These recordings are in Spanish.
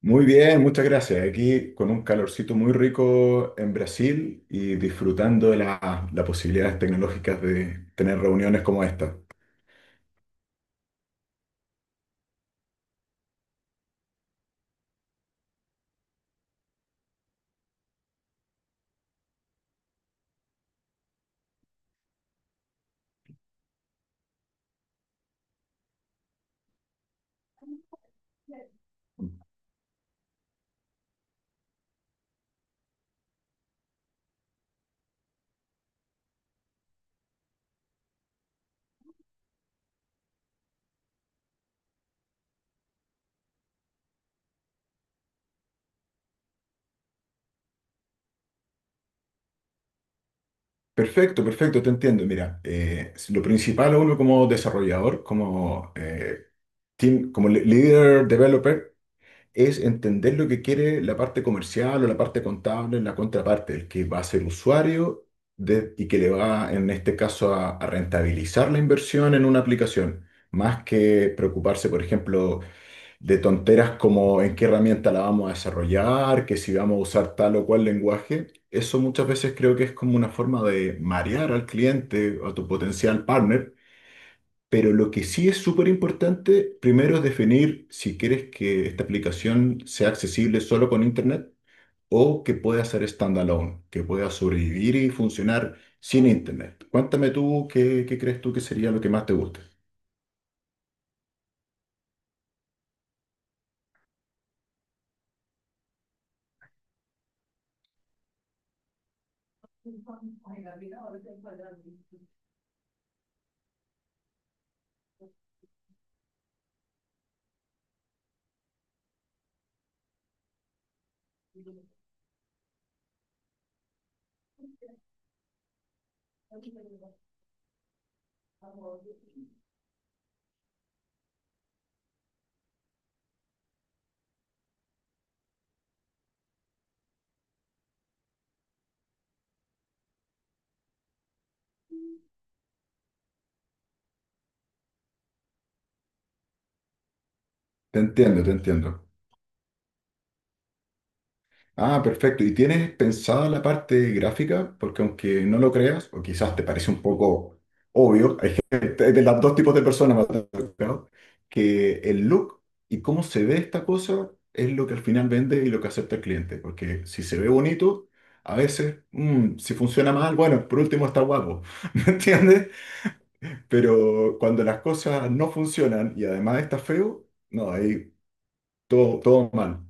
Muy bien, muchas gracias. Aquí con un calorcito muy rico en Brasil y disfrutando de las posibilidades tecnológicas de tener reuniones como esta. Perfecto, perfecto, te entiendo. Mira, lo principal a uno como desarrollador, como, team, como leader developer, es entender lo que quiere la parte comercial o la parte contable, la contraparte, el que va a ser usuario y que le va, en este caso, a rentabilizar la inversión en una aplicación, más que preocuparse, por ejemplo, de tonteras como en qué herramienta la vamos a desarrollar, que si vamos a usar tal o cual lenguaje. Eso muchas veces creo que es como una forma de marear al cliente o a tu potencial partner, pero lo que sí es súper importante, primero es definir si quieres que esta aplicación sea accesible solo con Internet o que pueda ser standalone, que pueda sobrevivir y funcionar sin Internet. Cuéntame tú qué, qué crees tú que sería lo que más te gusta. Te entiendo, te entiendo. Ah, perfecto. ¿Y tienes pensada la parte gráfica? Porque aunque no lo creas, o quizás te parece un poco obvio, hay gente, de los dos tipos de personas me ha tocado, que el look y cómo se ve esta cosa es lo que al final vende y lo que acepta el cliente. Porque si se ve bonito, a veces, si funciona mal, bueno, por último está guapo, ¿me entiendes? Pero cuando las cosas no funcionan y además está feo, no, ahí todo mal.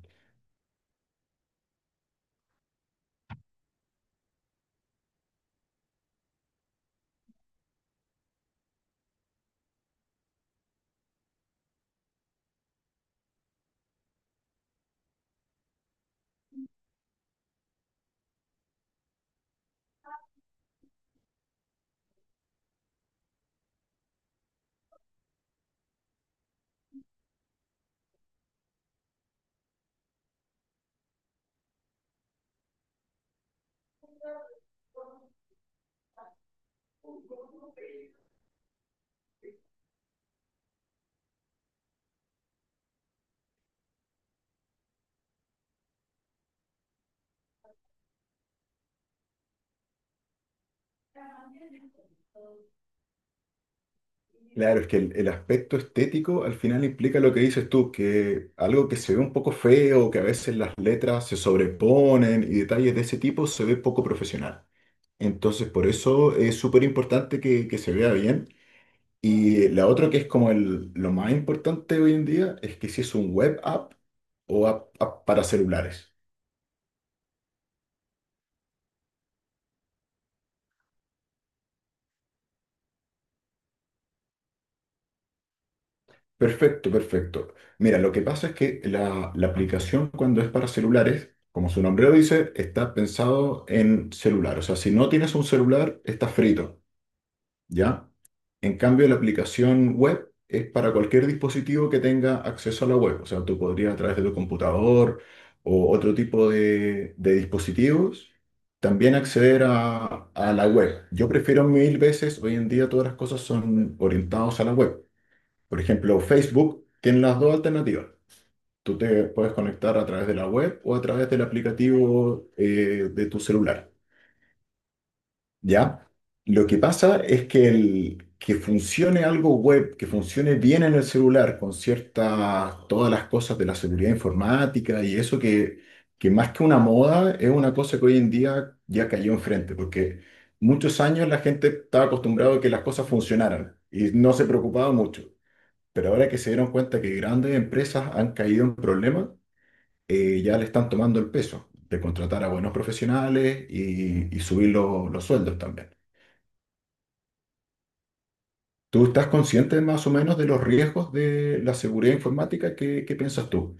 Claro, es que el aspecto estético al final implica lo que dices tú, que algo que se ve un poco feo, que a veces las letras se sobreponen y detalles de ese tipo se ve poco profesional. Entonces, por eso es súper importante que se vea bien. Y la otra que es como lo más importante hoy en día es que si es un web app o app para celulares. Perfecto, perfecto. Mira, lo que pasa es que la aplicación cuando es para celulares, como su nombre lo dice, está pensado en celular. O sea, si no tienes un celular, estás frito, ¿ya? En cambio, la aplicación web es para cualquier dispositivo que tenga acceso a la web. O sea, tú podrías a través de tu computador o otro tipo de dispositivos también acceder a la web. Yo prefiero mil veces, hoy en día todas las cosas son orientadas a la web. Por ejemplo, Facebook tiene las dos alternativas. Tú te puedes conectar a través de la web o a través del aplicativo, de tu celular, ¿ya? Lo que pasa es que, que funcione algo web, que funcione bien en el celular con todas las cosas de la seguridad informática y eso que más que una moda es una cosa que hoy en día ya cayó enfrente, porque muchos años la gente estaba acostumbrada a que las cosas funcionaran y no se preocupaba mucho. Pero ahora que se dieron cuenta que grandes empresas han caído en problemas, ya le están tomando el peso de contratar a buenos profesionales y subir los sueldos también. ¿Tú estás consciente más o menos de los riesgos de la seguridad informática? ¿Qué, qué piensas tú?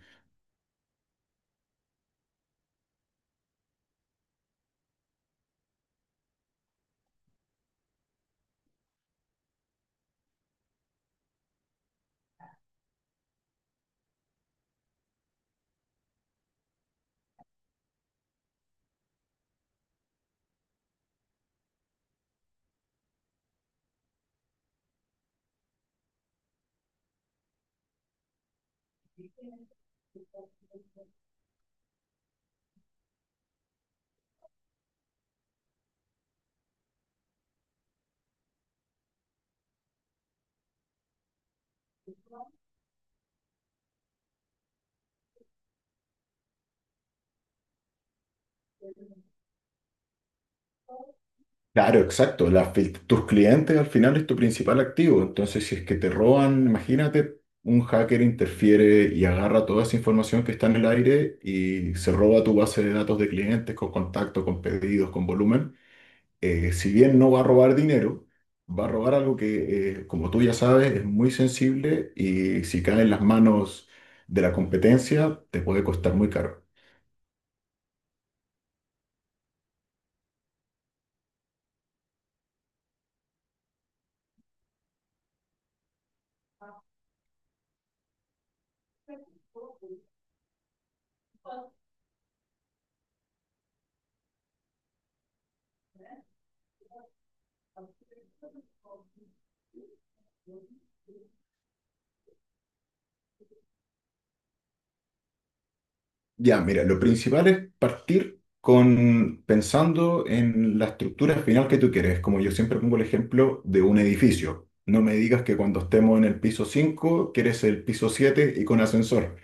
Claro, exacto. Tus clientes al final es tu principal activo. Entonces, si es que te roban, imagínate, un hacker interfiere y agarra toda esa información que está en el aire y se roba tu base de datos de clientes con contacto, con pedidos, con volumen. Si bien no va a robar dinero, va a robar algo que, como tú ya sabes, es muy sensible y si cae en las manos de la competencia, te puede costar muy caro. Ya, mira, lo principal es partir con pensando en la estructura final que tú quieres. Como yo siempre pongo el ejemplo de un edificio. No me digas que cuando estemos en el piso 5 quieres el piso 7 y con ascensor.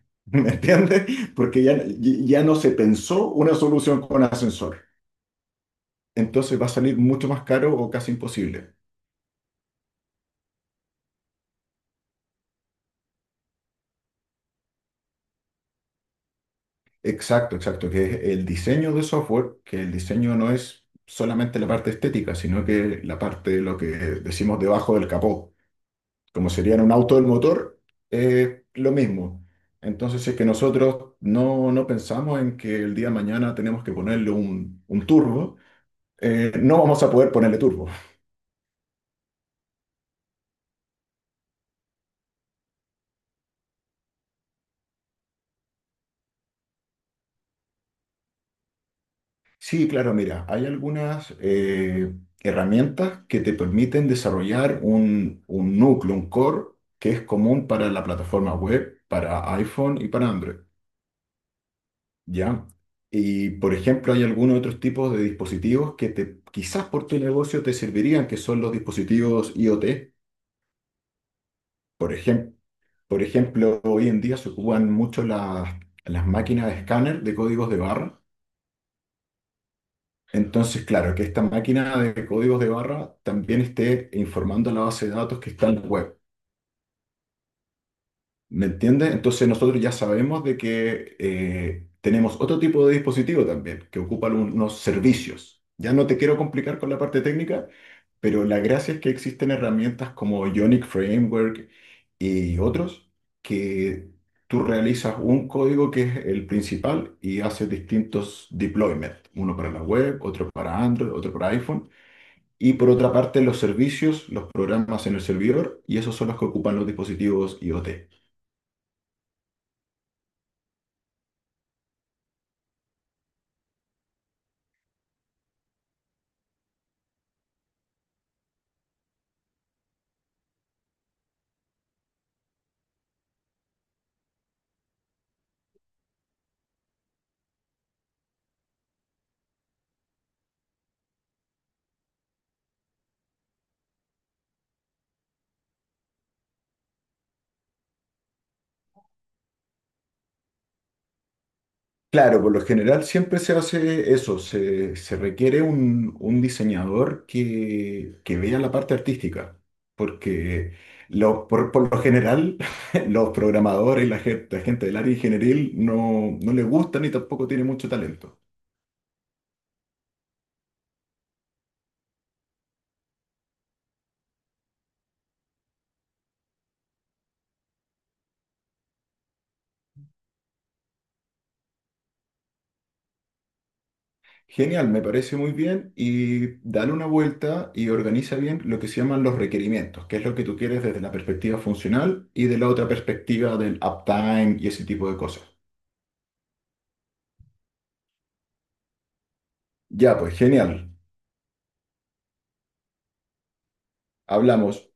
¿Me entiendes? Porque ya no se pensó una solución con ascensor. Entonces va a salir mucho más caro o casi imposible. Exacto, exacto, que es el diseño de software, que el diseño no es solamente la parte estética, sino que la parte de lo que decimos debajo del capó, como sería en un auto del motor, es lo mismo. Entonces, si es que nosotros no pensamos en que el día de mañana tenemos que ponerle un turbo, no vamos a poder ponerle turbo. Sí, claro, mira, hay algunas, herramientas que te permiten desarrollar un núcleo, un core, que es común para la plataforma web, para iPhone y para Android, ¿ya? Y, por ejemplo, hay algunos otros tipos de dispositivos que quizás por tu negocio te servirían, que son los dispositivos IoT. Por ejemplo, por ejemplo, hoy en día se ocupan mucho las máquinas de escáner de códigos de barra. Entonces, claro, que esta máquina de códigos de barra también esté informando a la base de datos que está en la web. ¿Me entiendes? Entonces nosotros ya sabemos de que, tenemos otro tipo de dispositivo también, que ocupa unos servicios. Ya no te quiero complicar con la parte técnica, pero la gracia es que existen herramientas como Ionic Framework y otros, que tú realizas un código que es el principal y haces distintos deployments, uno para la web, otro para Android, otro para iPhone. Y por otra parte, los servicios los programas en el servidor y esos son los que ocupan los dispositivos IoT. Claro, por lo general siempre se hace eso, se requiere un diseñador que vea la parte artística, porque por lo general los programadores, la gente del área ingenieril no les gusta ni tampoco tiene mucho talento. Genial, me parece muy bien y dale una vuelta y organiza bien lo que se llaman los requerimientos, que es lo que tú quieres desde la perspectiva funcional y de la otra perspectiva del uptime y ese tipo de cosas. Ya, pues genial. Hablamos.